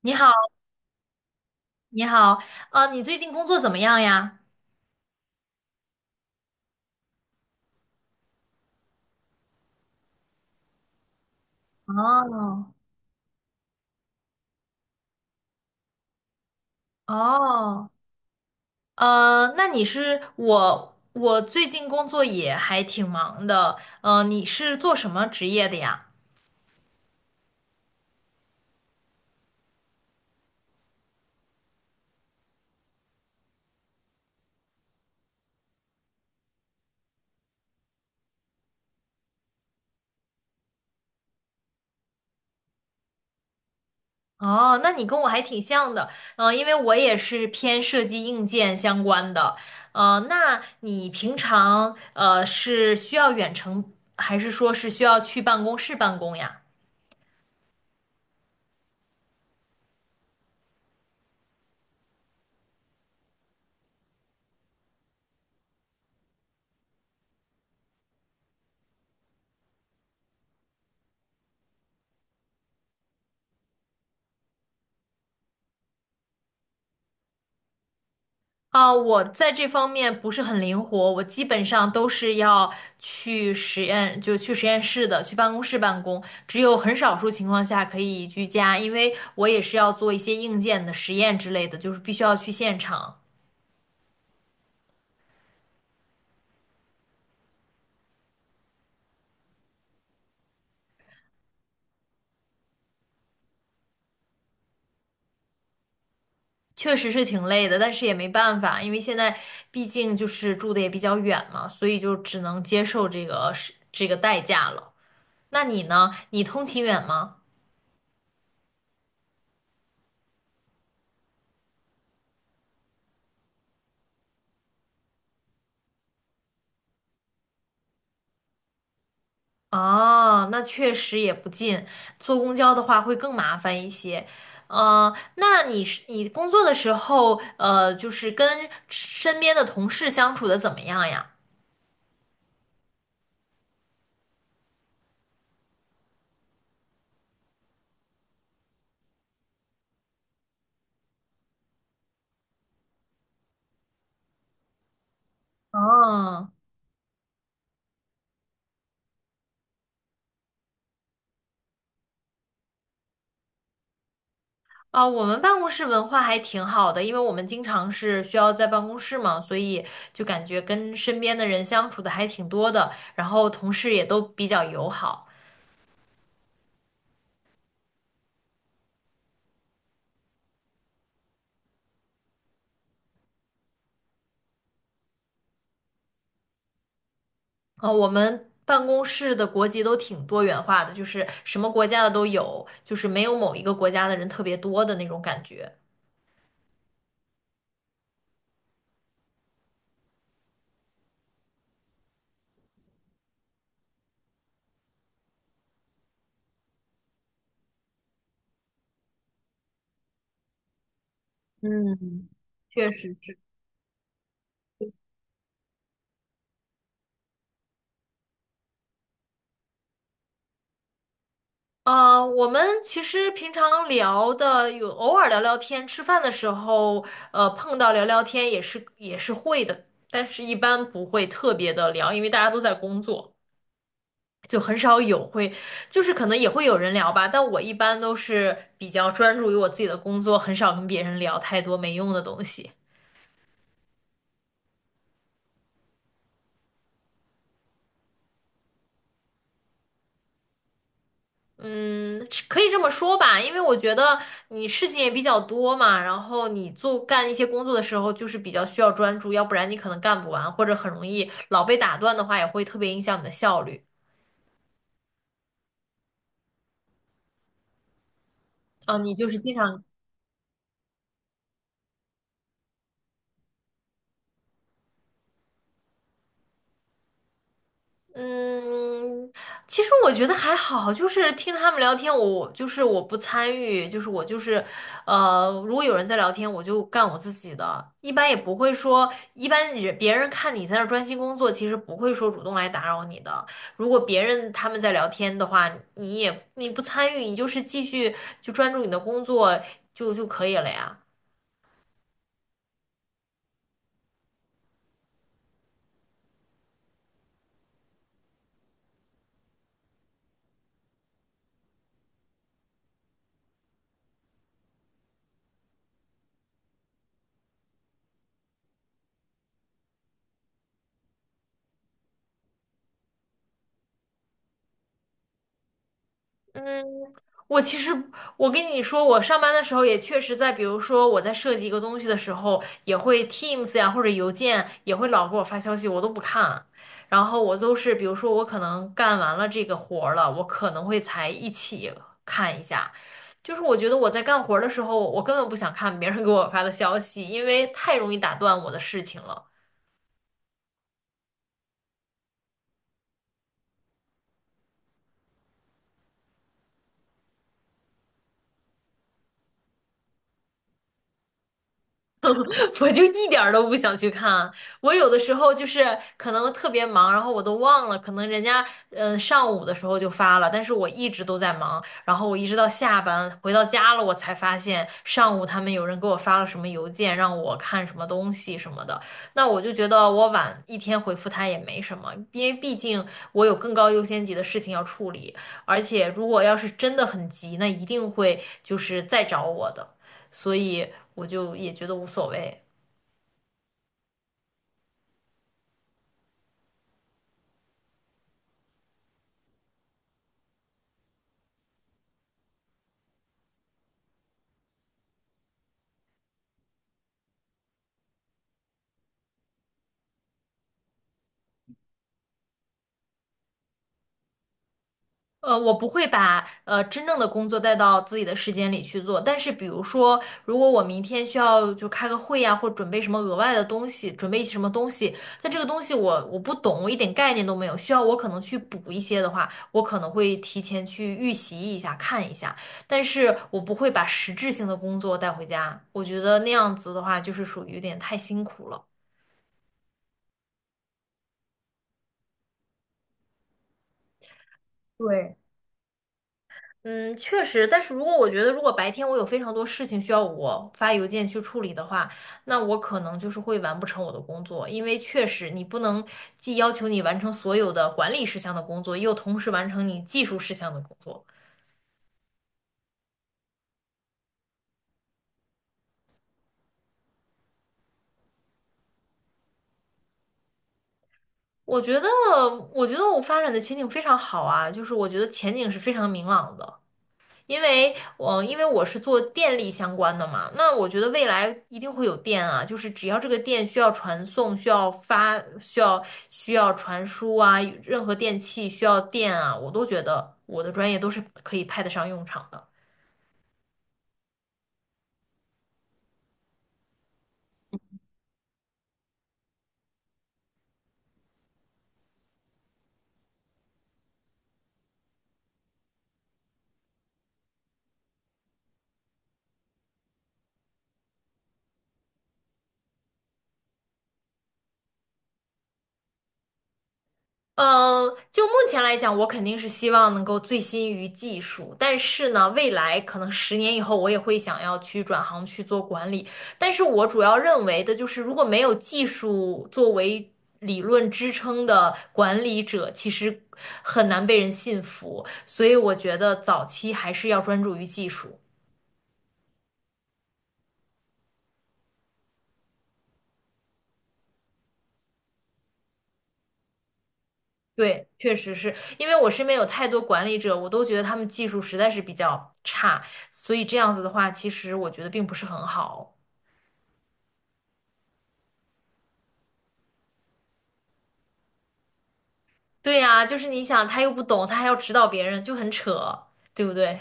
你好，你好，你最近工作怎么样呀？哦，哦，呃，那你是我，我最近工作也还挺忙的，你是做什么职业的呀？哦，那你跟我还挺像的，因为我也是偏设计硬件相关的，那你平常是需要远程，还是说是需要去办公室办公呀？啊，我在这方面不是很灵活，我基本上都是要去实验，就去实验室的，去办公室办公，只有很少数情况下可以居家，因为我也是要做一些硬件的实验之类的，就是必须要去现场，确实是挺累的，但是也没办法，因为现在毕竟就是住的也比较远嘛，所以就只能接受这个是这个代价了。那你呢？你通勤远吗？哦，那确实也不近，坐公交的话会更麻烦一些。那你工作的时候，就是跟身边的同事相处的怎么样呀？哦，啊，我们办公室文化还挺好的，因为我们经常是需要在办公室嘛，所以就感觉跟身边的人相处的还挺多的，然后同事也都比较友好。我们办公室的国籍都挺多元化的，就是什么国家的都有，就是没有某一个国家的人特别多的那种感觉。嗯，确实是。啊，我们其实平常聊的有偶尔聊聊天，吃饭的时候，碰到聊聊天也是会的，但是一般不会特别的聊，因为大家都在工作。就很少有会，就是可能也会有人聊吧，但我一般都是比较专注于我自己的工作，很少跟别人聊太多没用的东西。嗯，是可以这么说吧，因为我觉得你事情也比较多嘛，然后你干一些工作的时候，就是比较需要专注，要不然你可能干不完，或者很容易老被打断的话，也会特别影响你的效率。啊，你就是经常嗯，其实我觉得还好，就是听他们聊天，我不参与，就是我就是，呃，如果有人在聊天，我就干我自己的，一般也不会说，一般人别人看你在那儿专心工作，其实不会说主动来打扰你的。如果别人他们在聊天的话，你不参与，你就是继续就专注你的工作就可以了呀。嗯。我其实，我跟你说，我上班的时候也确实在，比如说我在设计一个东西的时候，也会 Teams 呀或者邮件也会老给我发消息，我都不看。然后我都是，比如说我可能干完了这个活儿了，我可能会才一起看一下。就是我觉得我在干活儿的时候，我根本不想看别人给我发的消息，因为太容易打断我的事情了。我就一点儿都不想去看。我有的时候就是可能特别忙，然后我都忘了，可能人家嗯上午的时候就发了，但是我一直都在忙，然后我一直到下班回到家了，我才发现上午他们有人给我发了什么邮件，让我看什么东西什么的。那我就觉得我晚一天回复他也没什么，因为毕竟我有更高优先级的事情要处理，而且如果要是真的很急，那一定会就是再找我的。所以我就也觉得无所谓。我不会把真正的工作带到自己的时间里去做，但是比如说，如果我明天需要就开个会呀、或准备什么额外的东西，准备一些什么东西，但这个东西我不懂，我一点概念都没有，需要我可能去补一些的话，我可能会提前去预习一下，看一下，但是我不会把实质性的工作带回家，我觉得那样子的话就是属于有点太辛苦了。对。嗯，确实，但是如果我觉得如果白天我有非常多事情需要我发邮件去处理的话，那我可能就是会完不成我的工作，因为确实你不能既要求你完成所有的管理事项的工作，又同时完成你技术事项的工作。我觉得，我觉得我发展的前景非常好啊，就是我觉得前景是非常明朗的。因为我是做电力相关的嘛，那我觉得未来一定会有电啊，就是只要这个电需要传送、需要发、需要传输啊，任何电器需要电啊，我都觉得我的专业都是可以派得上用场的。嗯，就目前来讲，我肯定是希望能够醉心于技术，但是呢，未来可能10年以后，我也会想要去转行去做管理。但是我主要认为的就是，如果没有技术作为理论支撑的管理者，其实很难被人信服。所以我觉得早期还是要专注于技术。对，确实是因为我身边有太多管理者，我都觉得他们技术实在是比较差，所以这样子的话，其实我觉得并不是很好。对呀，就是你想，他又不懂，他还要指导别人，就很扯，对不对？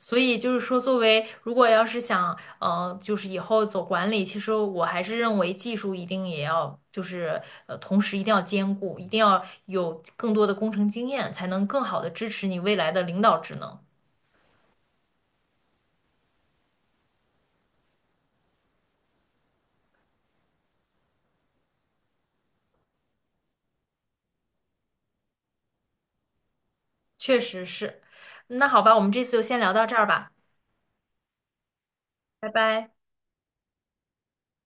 所以就是说，作为如果要是想，就是以后走管理，其实我还是认为技术一定也要，同时一定要兼顾，一定要有更多的工程经验，才能更好的支持你未来的领导职能。确实是，那好吧，我们这次就先聊到这儿吧，拜拜。